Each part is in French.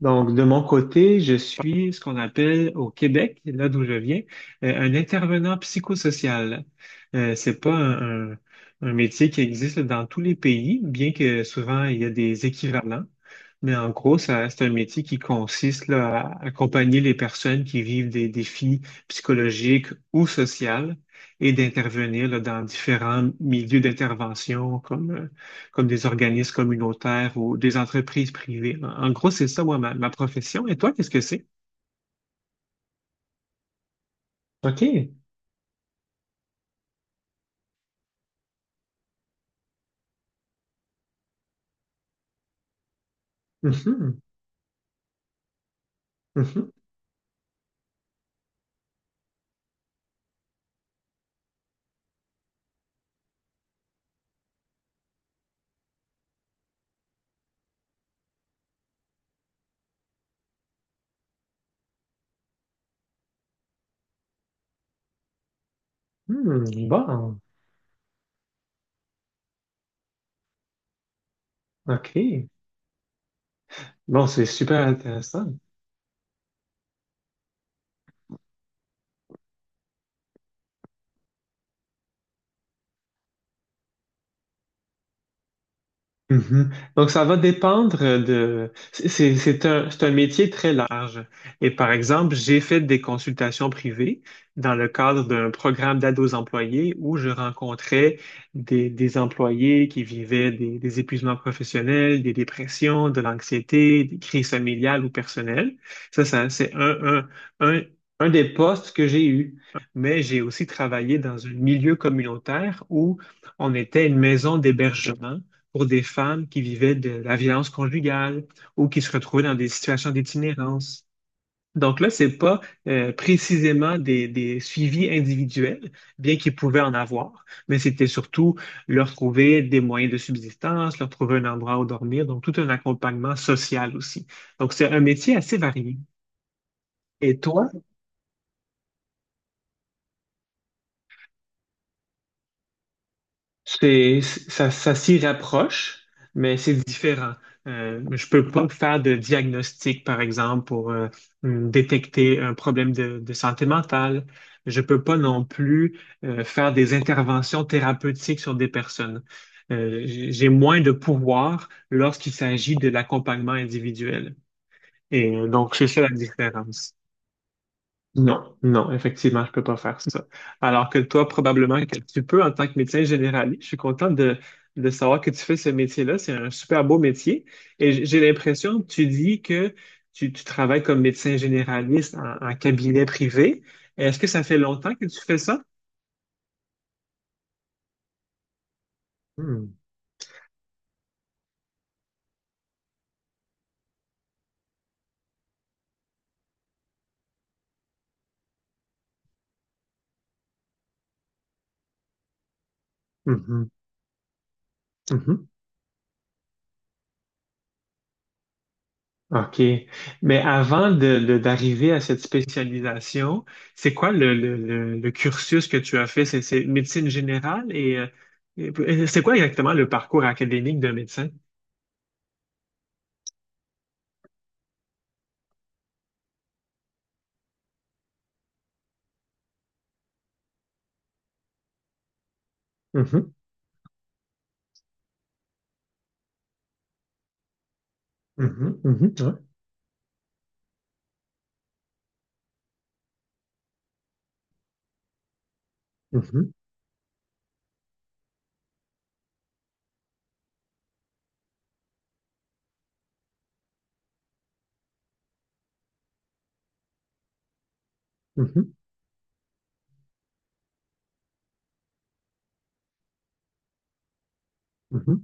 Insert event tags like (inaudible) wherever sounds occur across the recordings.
Donc, de mon côté, je suis ce qu'on appelle au Québec, là d'où je viens, un intervenant psychosocial. C'est pas un métier qui existe dans tous les pays, bien que souvent il y a des équivalents. Mais en gros, ça, c'est un métier qui consiste là, à accompagner les personnes qui vivent des défis psychologiques ou sociaux et d'intervenir là, dans différents milieux d'intervention comme comme des organismes communautaires ou des entreprises privées. En gros, c'est ça, moi, ma profession. Et toi, qu'est-ce que c'est? OK. Mhm. Mhm. Hmm. Bon. OK. Bon, c'est super intéressant. Mhm. Donc, ça va dépendre. C'est un métier très large. Et par exemple, j'ai fait des consultations privées dans le cadre d'un programme d'aide aux employés où je rencontrais des employés qui vivaient des épuisements professionnels, des dépressions, de l'anxiété, des crises familiales ou personnelles. Ça, ça, c'est un, un, un, un des postes que j'ai eu. Mais j'ai aussi travaillé dans un milieu communautaire où on était une maison d'hébergement pour des femmes qui vivaient de la violence conjugale ou qui se retrouvaient dans des situations d'itinérance. Donc là, c'est pas précisément des suivis individuels, bien qu'ils pouvaient en avoir, mais c'était surtout leur trouver des moyens de subsistance, leur trouver un endroit où dormir, donc tout un accompagnement social aussi. Donc c'est un métier assez varié. Et toi. C'est, ça s'y rapproche, mais c'est différent. Je peux pas faire de diagnostic, par exemple, pour détecter un problème de santé mentale. Je peux pas non plus faire des interventions thérapeutiques sur des personnes. J'ai moins de pouvoir lorsqu'il s'agit de l'accompagnement individuel. Donc, c'est ça la différence. Non, non, effectivement, je peux pas faire ça. Alors que toi, probablement que tu peux en tant que médecin généraliste. Je suis content de savoir que tu fais ce métier-là. C'est un super beau métier. Et j'ai l'impression, tu dis que tu travailles comme médecin généraliste en cabinet privé. Est-ce que ça fait longtemps que tu fais ça? Hmm. Mhm. Mhm. OK. Mais avant d'arriver à cette spécialisation, c'est quoi le cursus que tu as fait? C'est médecine générale et, c'est quoi exactement le parcours académique d'un médecin? Mhm, mhm, mhm, ouais, mhm, mhm, mhm.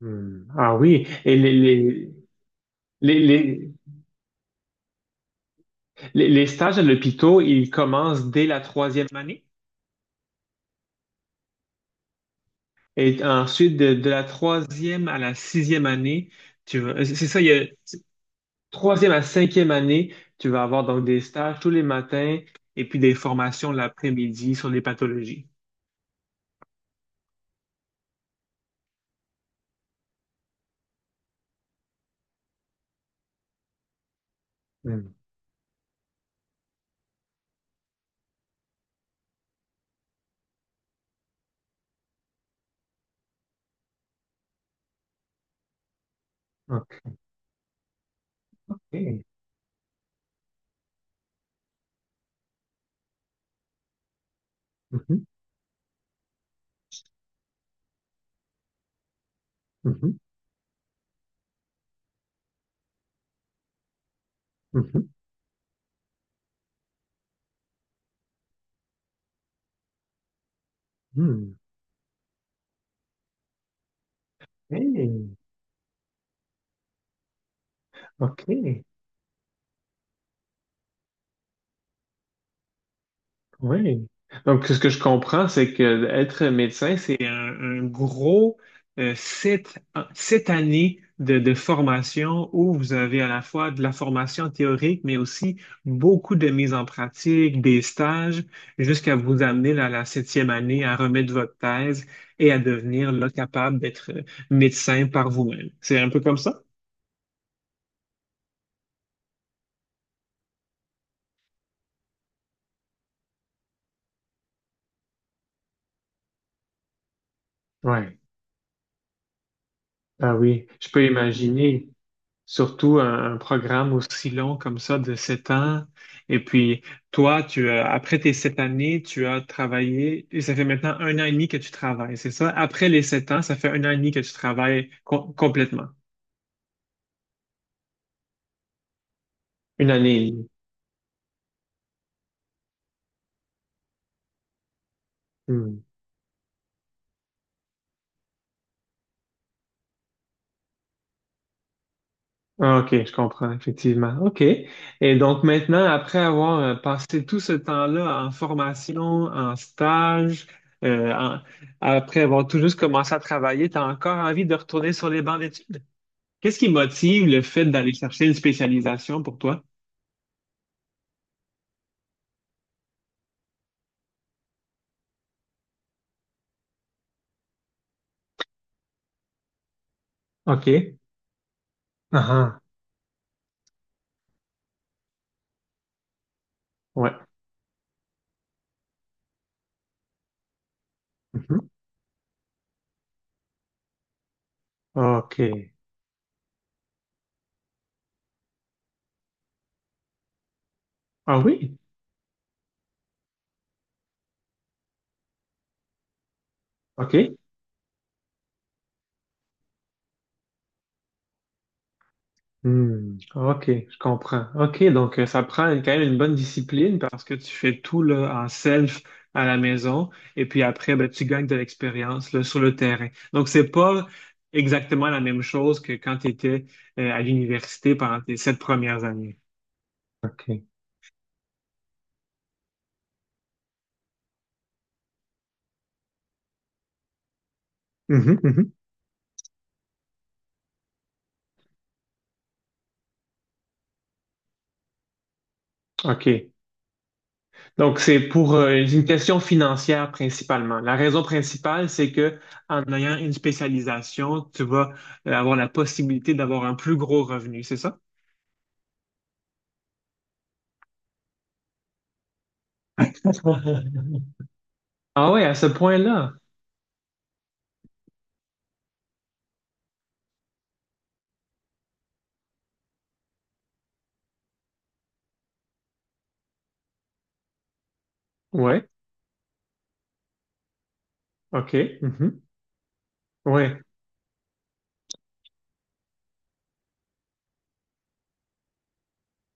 Hmm. Ah oui, et les, les, les stages à l'hôpital, ils commencent dès la troisième année? Et ensuite, de la troisième à la sixième année, tu vas, c'est ça, il y a troisième à cinquième année, tu vas avoir donc des stages tous les matins et puis des formations l'après-midi sur les pathologies. Hmm. OK. Mhm, mhm, mhm, hmm. Hey, OK. Oui. Donc, ce que je comprends, c'est que être médecin, c'est un gros euh, sept, sept années de formation où vous avez à la fois de la formation théorique, mais aussi beaucoup de mise en pratique, des stages, jusqu'à vous amener à la septième année à remettre votre thèse et à devenir là, capable d'être médecin par vous-même. C'est un peu comme ça? Ouais. Ah oui, je peux imaginer. Surtout un programme aussi long comme ça de sept ans. Et puis, toi, tu as, après tes sept années, tu as travaillé, et ça fait maintenant un an et demi que tu travailles, c'est ça? Après les sept ans, ça fait un an et demi que tu travailles complètement. Une année et demie. Hmm. Ah, OK, je comprends, effectivement. OK. Et donc maintenant, après avoir passé tout ce temps-là en formation, en stage, euh, en- après avoir tout juste commencé à travailler, tu as encore envie de retourner sur les bancs d'études? Qu'est-ce qui motive le fait d'aller chercher une spécialisation pour toi? OK. Ah, ah, ouais. Mhm. OK. Ah oui. OK. Hmm. OK, je comprends. OK, donc ça prend quand même une bonne discipline parce que tu fais tout là, en self à la maison et puis après, ben, tu gagnes de l'expérience là, sur le terrain. Donc, c'est pas exactement la même chose que quand tu étais à l'université pendant tes sept premières années. OK. Mhm, mhm. OK. Donc, c'est pour une question financière principalement. La raison principale, c'est que en ayant une spécialisation, tu vas avoir la possibilité d'avoir un plus gros revenu, c'est ça? (laughs) Ah oui, à ce point-là. Ouais, OK. Mhm. Ouais.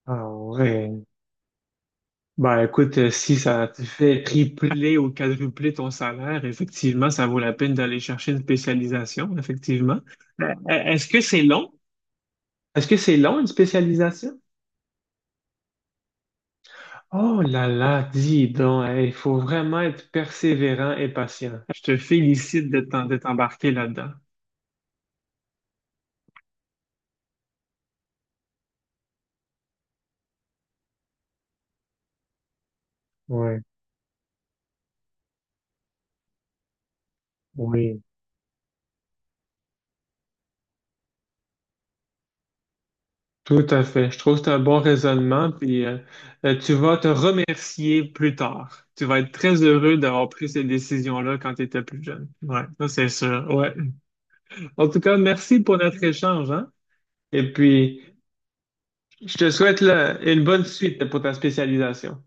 Ah ouais. Ben écoute, si ça te fait tripler ou quadrupler ton salaire, effectivement, ça vaut la peine d'aller chercher une spécialisation, effectivement. Est-ce que c'est long? Est-ce que c'est long, une spécialisation? Oh là là, dis donc, hey, il faut vraiment être persévérant et patient. Je te félicite de t'embarquer là-dedans. Oui, oui. Tout à fait. Je trouve que c'est un bon raisonnement, puis tu vas te remercier plus tard. Tu vas être très heureux d'avoir pris cette décision-là quand tu étais plus jeune. Ouais, ça c'est sûr. Ouais. En tout cas, merci pour notre échange, hein? Et puis, je te souhaite là, une bonne suite pour ta spécialisation.